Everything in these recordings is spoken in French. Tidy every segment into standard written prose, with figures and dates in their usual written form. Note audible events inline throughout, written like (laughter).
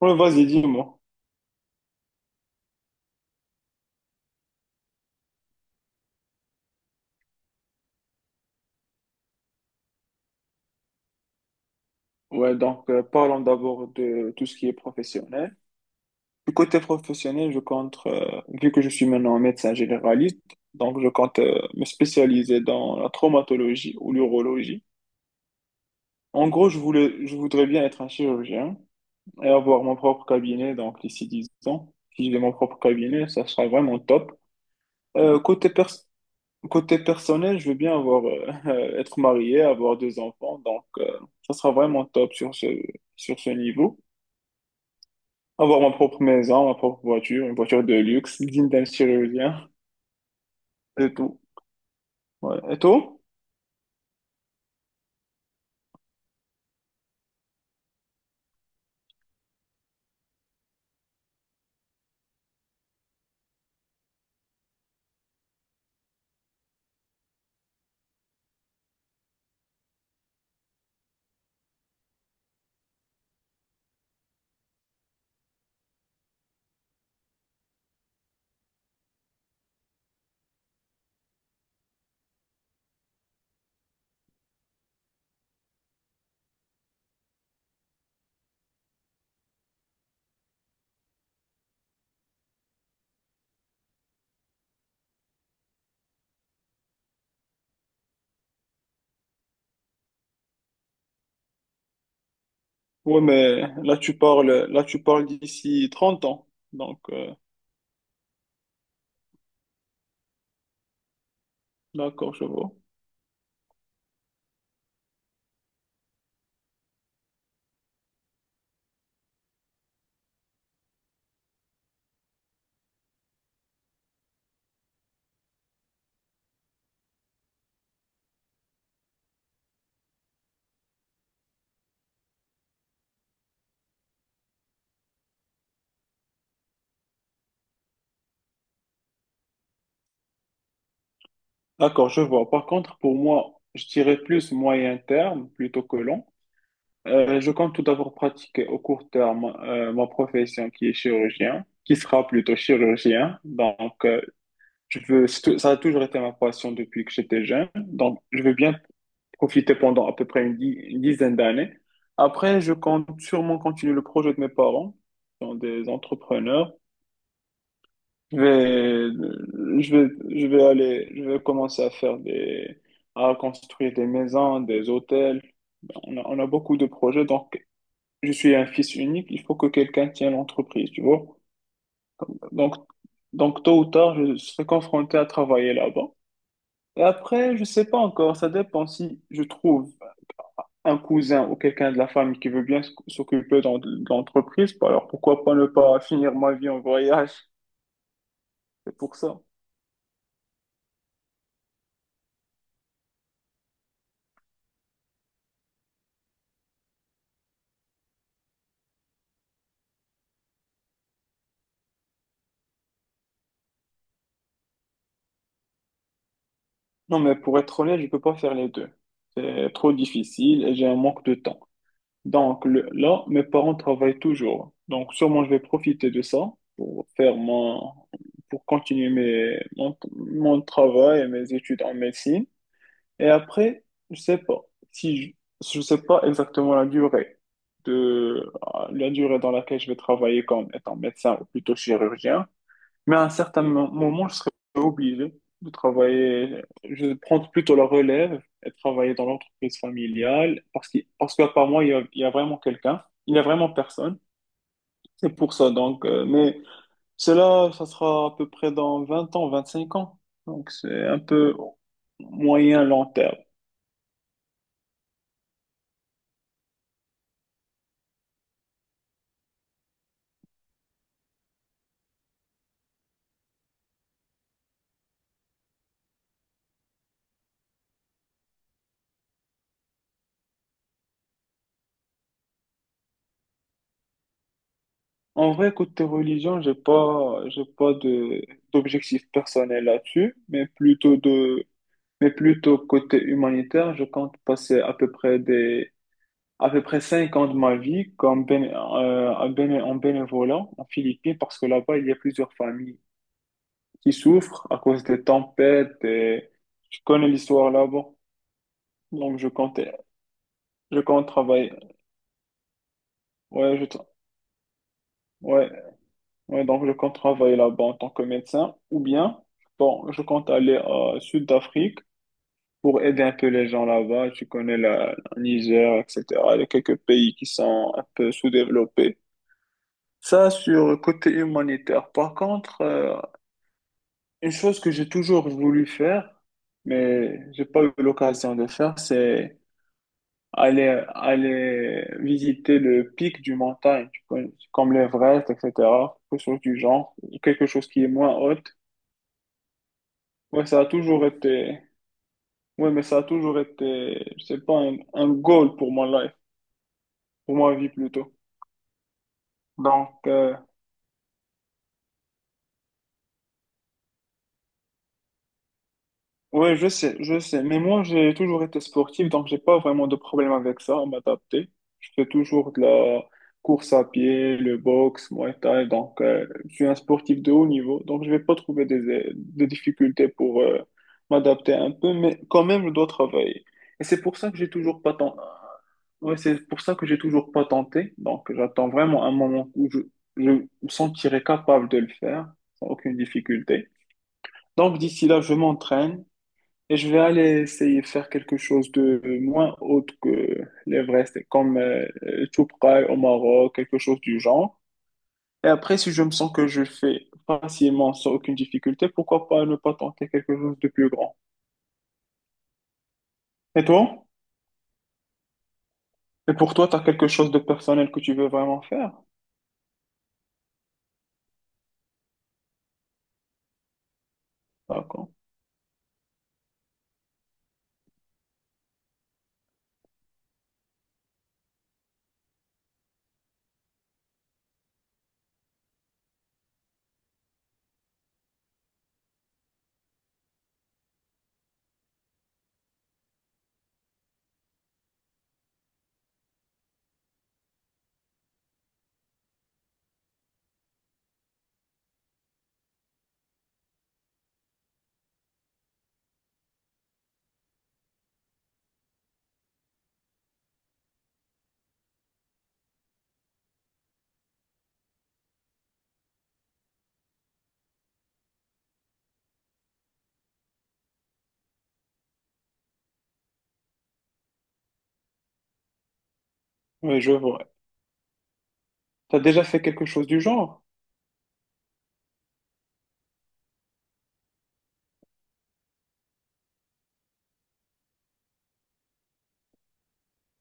Ouais, vas-y, dis-moi. Ouais, donc parlons d'abord de tout ce qui est professionnel. Du côté professionnel, je compte, vu que je suis maintenant médecin généraliste, donc je compte me spécialiser dans la traumatologie ou l'urologie. En gros, je voudrais bien être un chirurgien et avoir mon propre cabinet, donc d'ici 10 ans. Si j'ai mon propre cabinet, ça sera vraiment top. Euh, côté, pers- Côté personnel, je veux bien avoir, (laughs) être marié, avoir 2 enfants, donc ça sera vraiment top sur ce niveau. Avoir ma propre maison, ma propre voiture, une voiture de luxe, digne d'un chirurgien, et tout. Ouais. Et toi? Ouais, mais là, tu parles d'ici 30 ans. Donc, d'accord, je vois. D'accord, je vois. Par contre, pour moi, je dirais plus moyen terme plutôt que long. Je compte tout d'abord pratiquer au court terme ma profession qui sera plutôt chirurgien. Donc, je veux, ça a toujours été ma passion depuis que j'étais jeune. Donc, je veux bien profité pendant à peu près une 10aine d'années. Après, je compte sûrement continuer le projet de mes parents, qui sont des entrepreneurs. Je vais, je vais, je vais aller, je vais commencer à à construire des maisons, des hôtels. On a beaucoup de projets, donc je suis un fils unique. Il faut que quelqu'un tienne l'entreprise, tu vois. Donc, donc tôt ou tard, je serai confronté à travailler là-bas. Et après, je sais pas encore, ça dépend si je trouve un cousin ou quelqu'un de la famille qui veut bien de l'entreprise, bah alors pourquoi pas ne pas finir ma vie en voyage? C'est pour ça. Non, mais pour être honnête, je peux pas faire les deux. C'est trop difficile et j'ai un manque de temps. Donc là, mes parents travaillent toujours. Donc sûrement, je vais profiter de ça pour pour continuer mon travail et mes études en médecine. Et après, je sais pas si je sais pas exactement la durée de la durée dans laquelle je vais travailler comme étant médecin ou plutôt chirurgien, mais à un certain moment, je serai obligé de travailler, je vais prendre plutôt la relève et travailler dans l'entreprise familiale parce qu'à part moi, il y a vraiment quelqu'un, il y a vraiment personne. C'est pour ça donc mais cela ça sera à peu près dans 20 ans, 25 ans. Donc c'est un peu moyen long terme. En vrai, côté religion, j'ai pas de, d'objectif personnel là-dessus, mais plutôt côté humanitaire, je compte passer à peu près 5 ans de ma vie comme en bénévolat en Philippines, parce que là-bas, il y a plusieurs familles qui souffrent à cause des tempêtes et je connais l'histoire là-bas. Donc, je compte travailler. Ouais, ouais. Ouais, donc je compte travailler là-bas en tant que médecin ou bien, bon, je compte aller au Sud d'Afrique pour aider un peu les gens là-bas. Tu connais le Niger, etc. Il y a quelques pays qui sont un peu sous-développés. Ça, sur le côté humanitaire. Par contre, une chose que j'ai toujours voulu faire, mais j'ai pas eu l'occasion de faire, c'est aller visiter le pic du montagne, tu connais, comme l'Everest, etc. Quelque chose du genre, quelque chose qui est moins haute. Ouais, ça a toujours été, je sais pas, un goal pour mon life, pour ma vie plutôt. Donc, ouais, je sais, je sais. Mais moi, j'ai toujours été sportif, donc j'ai pas vraiment de problème avec ça, à m'adapter. Je fais toujours de la course à pied, le boxe, Muay Thai, donc je suis un sportif de haut niveau, donc je vais pas trouver des difficultés pour m'adapter un peu, mais quand même, je dois travailler. Et c'est pour ça que j'ai toujours pas tenté. Ouais, c'est pour ça que j'ai toujours pas tenté. Donc, j'attends vraiment un moment où je me sentirai capable de le faire sans aucune difficulté. Donc, d'ici là, je m'entraîne, et je vais aller essayer de faire quelque chose de moins haute que l'Everest, comme Toubkal au Maroc, quelque chose du genre. Et après, si je me sens que je le fais facilement sans aucune difficulté, pourquoi pas ne pas tenter quelque chose de plus grand? Et toi? Et pour toi, tu as quelque chose de personnel que tu veux vraiment faire? D'accord. Oui, je vois. Tu as déjà fait quelque chose du genre?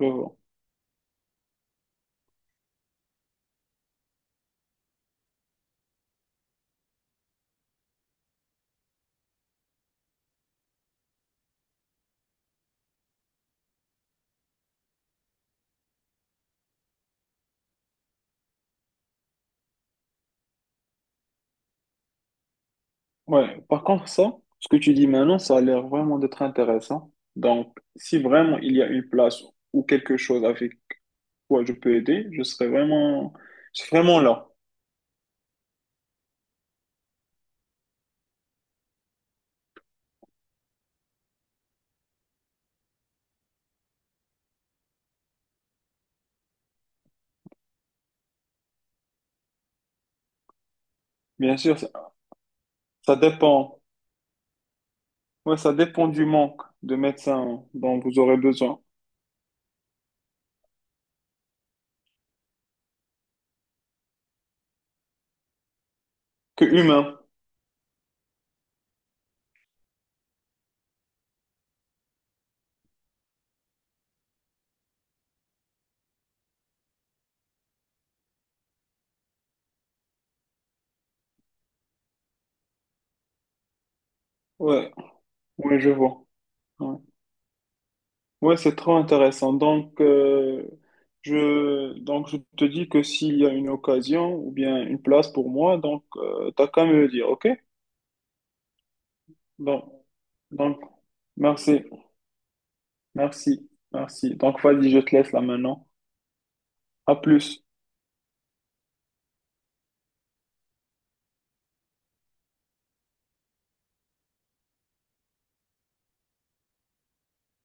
Je vois. Ouais. Par contre, ça, ce que tu dis maintenant, ça a l'air vraiment d'être intéressant. Donc, si vraiment il y a une place ou quelque chose avec quoi je peux aider, je serai vraiment là. Bien sûr, ça dépend. Ouais, ça dépend du manque de médecins dont vous aurez besoin. Que humain. Ouais, ouais, je vois. Ouais, ouais, c'est trop intéressant. Donc, donc, je te dis que s'il y a une occasion ou bien une place pour moi, donc, t'as qu'à me le dire, ok? Donc, donc, merci, merci. Donc, vas-y, je te laisse là maintenant. À plus.